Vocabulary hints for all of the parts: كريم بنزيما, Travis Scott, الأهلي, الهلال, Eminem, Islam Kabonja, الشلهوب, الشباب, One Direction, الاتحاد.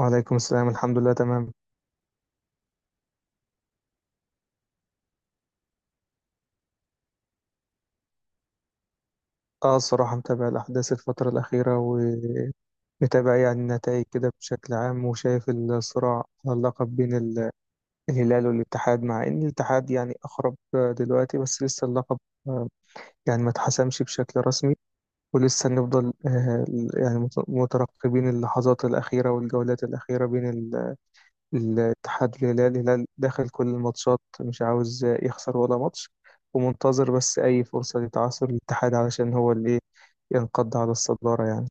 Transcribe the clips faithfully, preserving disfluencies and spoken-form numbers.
وعليكم السلام، الحمد لله تمام. اه الصراحة متابع الأحداث الفترة الأخيرة، ومتابع يعني النتائج كده بشكل عام، وشايف الصراع على اللقب بين ال- الهلال والاتحاد، مع إن الاتحاد يعني أقرب آه، دلوقتي، بس لسه اللقب آه، يعني ما اتحسمش بشكل رسمي. ولسه نفضل آه، يعني مت- مترقبين اللحظات الأخيرة والجولات الأخيرة بين ال- الاتحاد والهلال. الهلال داخل كل الماتشات مش عاوز آه، يخسر ولا ماتش، ومنتظر بس أي فرصة لتعثر الاتحاد، علشان هو اللي ينقض على الصدارة يعني.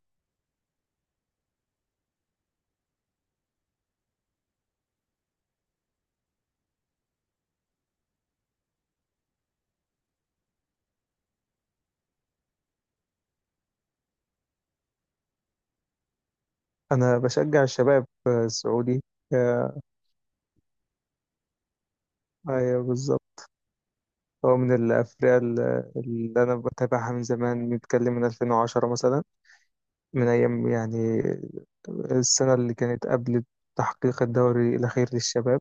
أنا بشجع الشباب السعودي. آه، أيوة بالظبط. هو من الأفرقة اللي اللي أنا بتابعها من زمان، بنتكلم من ألفين وعشرة مثلا. من أيام يعني السنة اللي كانت قبل تحقيق الدوري الأخير للشباب،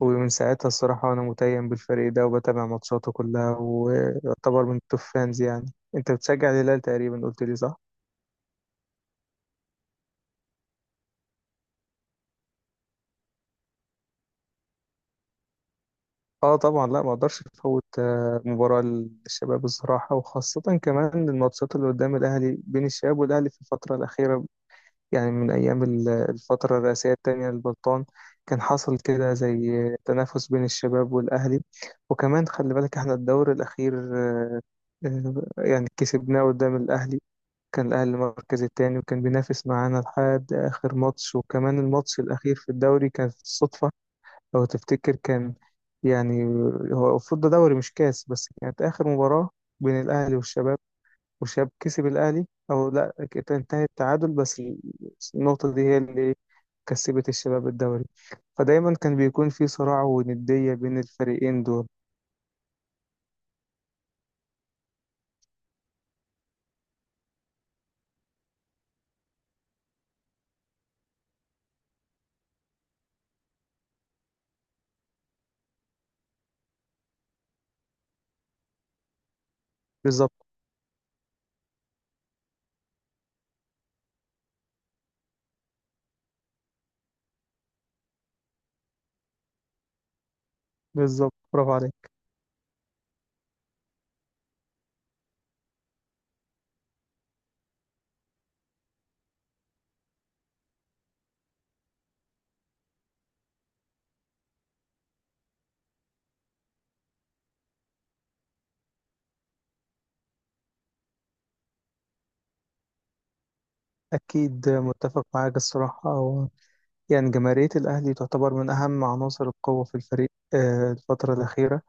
ومن ساعتها الصراحة أنا متيم بالفريق ده وبتابع ماتشاته كلها، ويعتبر من التوب فانز. يعني أنت بتشجع الهلال تقريبا، قلت لي صح؟ اه طبعا. لا، ما اقدرش افوت آه، مباراة للشباب الصراحة، وخاصة كمان الماتشات اللي قدام الاهلي بين الشباب والاهلي في الفترة الاخيرة. يعني من ايام ال- الفترة الرئاسية التانية للبلطان كان حصل كده زي تنافس بين الشباب والاهلي. وكمان خلي بالك، احنا الدور الاخير آه، يعني كسبناه قدام الاهلي. كان الاهلي المركز التاني وكان بينافس معانا لحد اخر ماتش، وكمان الماتش الاخير في الدوري كانت صدفة. لو تفتكر كان يعني هو المفروض ده دوري مش كاس، بس كانت آخر مباراة بين الأهلي والشباب، والشباب كسب الأهلي أو لا كانت انتهت تعادل، بس النقطة دي هي اللي كسبت الشباب الدوري. فدايما كان بيكون في صراع وندية بين الفريقين دول. بالظبط. بالظبط برافو عليك. أكيد متفق معاك الصراحة. أو يعني جماهيرية الأهلي تعتبر من أهم عناصر القوة في الفريق آه، الفترة الأخيرة،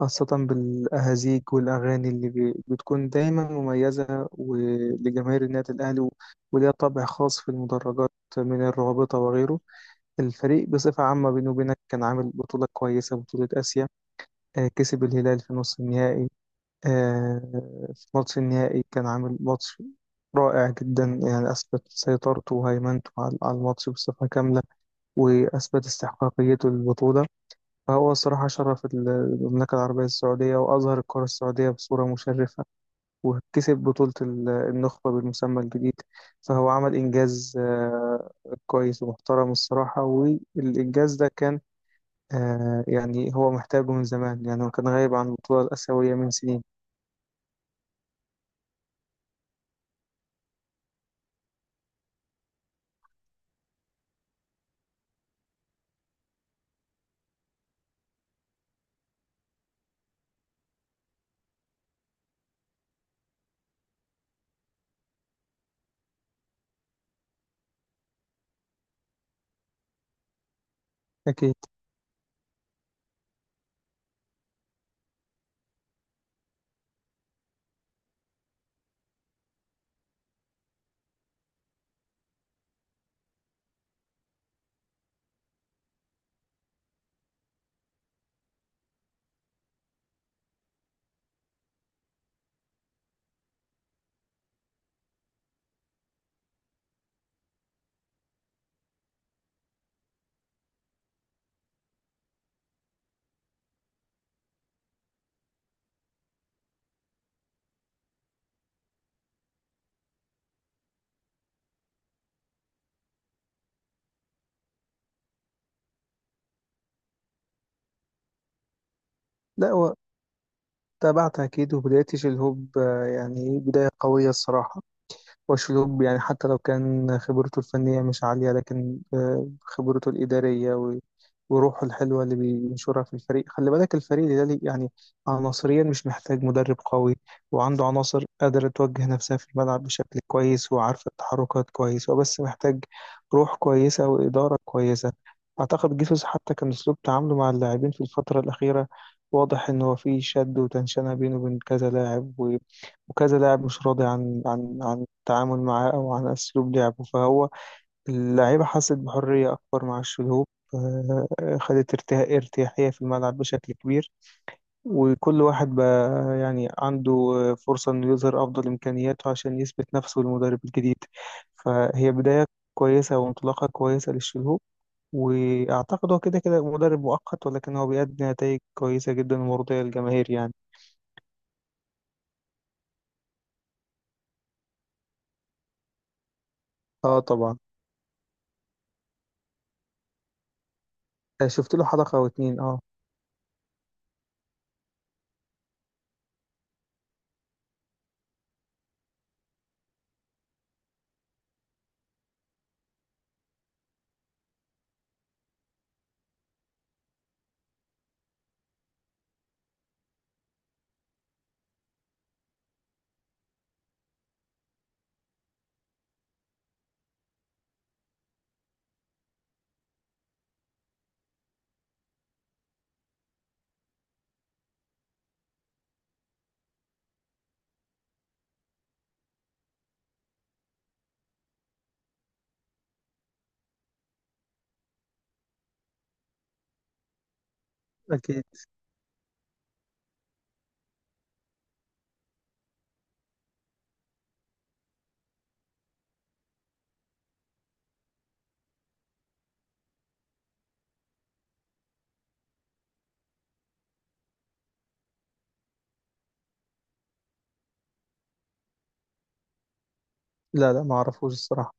خاصة بالأهازيج والأغاني اللي بي- بتكون دايما مميزة، ولجماهير النادي الأهلي و- وليها طابع خاص في المدرجات، من الرابطة وغيره. الفريق بصفة عامة بينه وبينك كان عامل بطولة كويسة، بطولة آسيا، آه، كسب الهلال في نص النهائي. آه، في ماتش النهائي كان عامل ماتش رائع جدا، يعني أثبت سيطرته وهيمنته على على الماتش بصفة كاملة، وأثبت استحقاقيته للبطولة. فهو الصراحة شرف ال- المملكة العربية السعودية، وأظهر الكرة السعودية بصورة مشرفة، وكسب بطولة ال- النخبة بالمسمى الجديد. فهو عمل إنجاز آه، كويس ومحترم الصراحة، والإنجاز ده كان آه، يعني هو محتاجه من زمان، يعني هو كان غايب عن البطولة الآسيوية من سنين. أكيد. لا، هو تابعت أكيد. وبداية شيل هوب آه، يعني إيه، بداية قوية الصراحة. وأشلوب يعني حتى لو كان خبرته الفنية مش عالية، لكن آه، خبرته الإدارية و- وروحه الحلوة اللي بينشرها في الفريق. خلي بالك الفريق ده ليه- يعني عناصريا مش محتاج مدرب قوي، وعنده عناصر قادرة توجه نفسها في الملعب بشكل كويس وعارفة التحركات كويس، وبس محتاج روح كويسة وإدارة كويسة. أعتقد جيسوس حتى كان أسلوب تعامله مع اللاعبين في الفترة الأخيرة واضح إن هو في شد وتنشنة بينه وبين كذا لاعب، و- وكذا لاعب مش راضي عن عن عن التعامل معاه أو عن أسلوب لعبه. فهو اللعيبة حست بحرية أكبر مع الشلهوب، آه، خدت ارتها- ارتياحية في الملعب بشكل كبير. وكل واحد بقى يعني عنده آه، فرصة إنه يظهر أفضل إمكانياته عشان يثبت نفسه للمدرب الجديد. فهي بداية كويسة وانطلاقة كويسة للشلهوب. وأعتقد هو كده كده مدرب مؤقت، ولكن هو بيأدي نتائج كويسة جدا ومرضية للجماهير يعني. اه طبعا. آه، شفت له حلقة أو اتنين اه. أكيد. لا لا معرفوش الصراحة.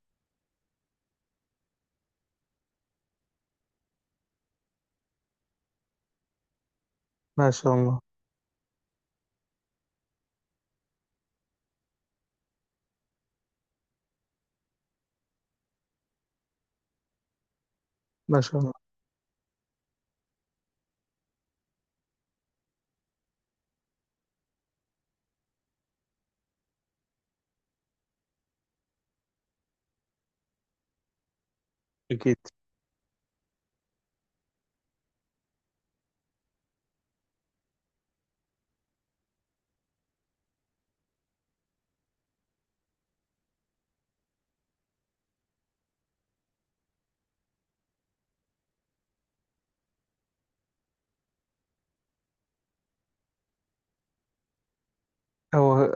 ما شاء الله. ما شاء الله. أكيد. هو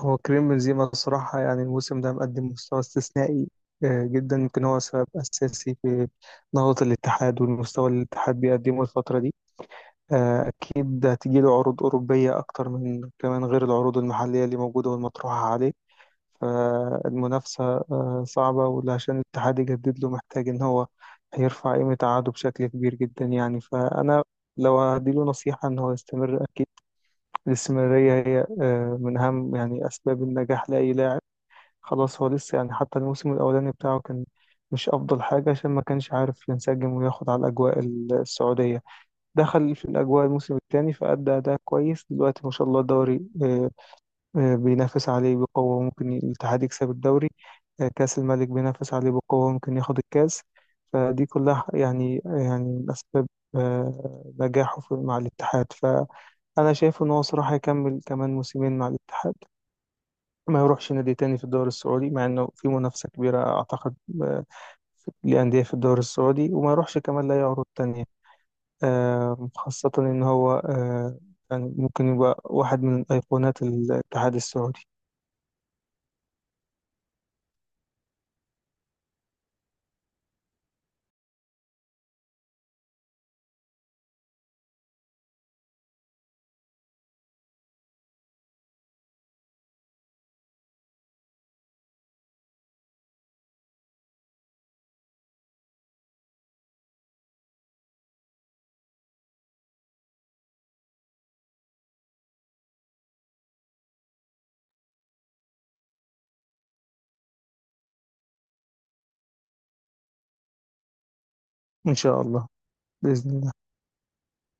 هو كريم بنزيما الصراحة، يعني الموسم ده مقدم مستوى استثنائي آه، جدا. يمكن هو سبب أساسي في نهضة الاتحاد والمستوى اللي الاتحاد بيقدمه الفترة دي. آه، أكيد هتجيله عروض أوروبية أكتر، من كمان غير العروض المحلية اللي موجودة والمطروحة عليه. فالمنافسة آه، صعبة، وعشان الاتحاد يجدد له محتاج إن هو هيرفع قيمة عقده بشكل كبير جدا يعني. فأنا لو هديله نصيحة إن هو يستمر، أكيد الاستمرارية هي آه، من أهم يعني أسباب النجاح لأي لاعب. خلاص هو لسه يعني، حتى الموسم الأولاني بتاعه كان مش أفضل حاجة، عشان ما كانش عارف ينسجم وياخد على الأجواء السعودية. دخل في الأجواء الموسم الثاني فأدى أداء كويس. دلوقتي ما شاء الله الدوري آه، آه، بينافس عليه بقوة، ممكن الاتحاد يكسب الدوري. آه، كأس الملك بينافس عليه بقوة، ممكن ياخد الكأس. فدي كلها يعني آه، يعني من أسباب آه، نجاحه في- مع الاتحاد. ف انا شايف ان هو صراحه يكمل كمان موسمين مع الاتحاد، ما يروحش نادي تاني في الدوري السعودي، مع انه في منافسه كبيره اعتقد آه، لانديه في الدوري السعودي. وما يروحش كمان لاي عروض تانية آه، خاصه ان هو آه، يعني ممكن يبقى واحد من ايقونات الاتحاد السعودي. ان شاء الله. باذن الله.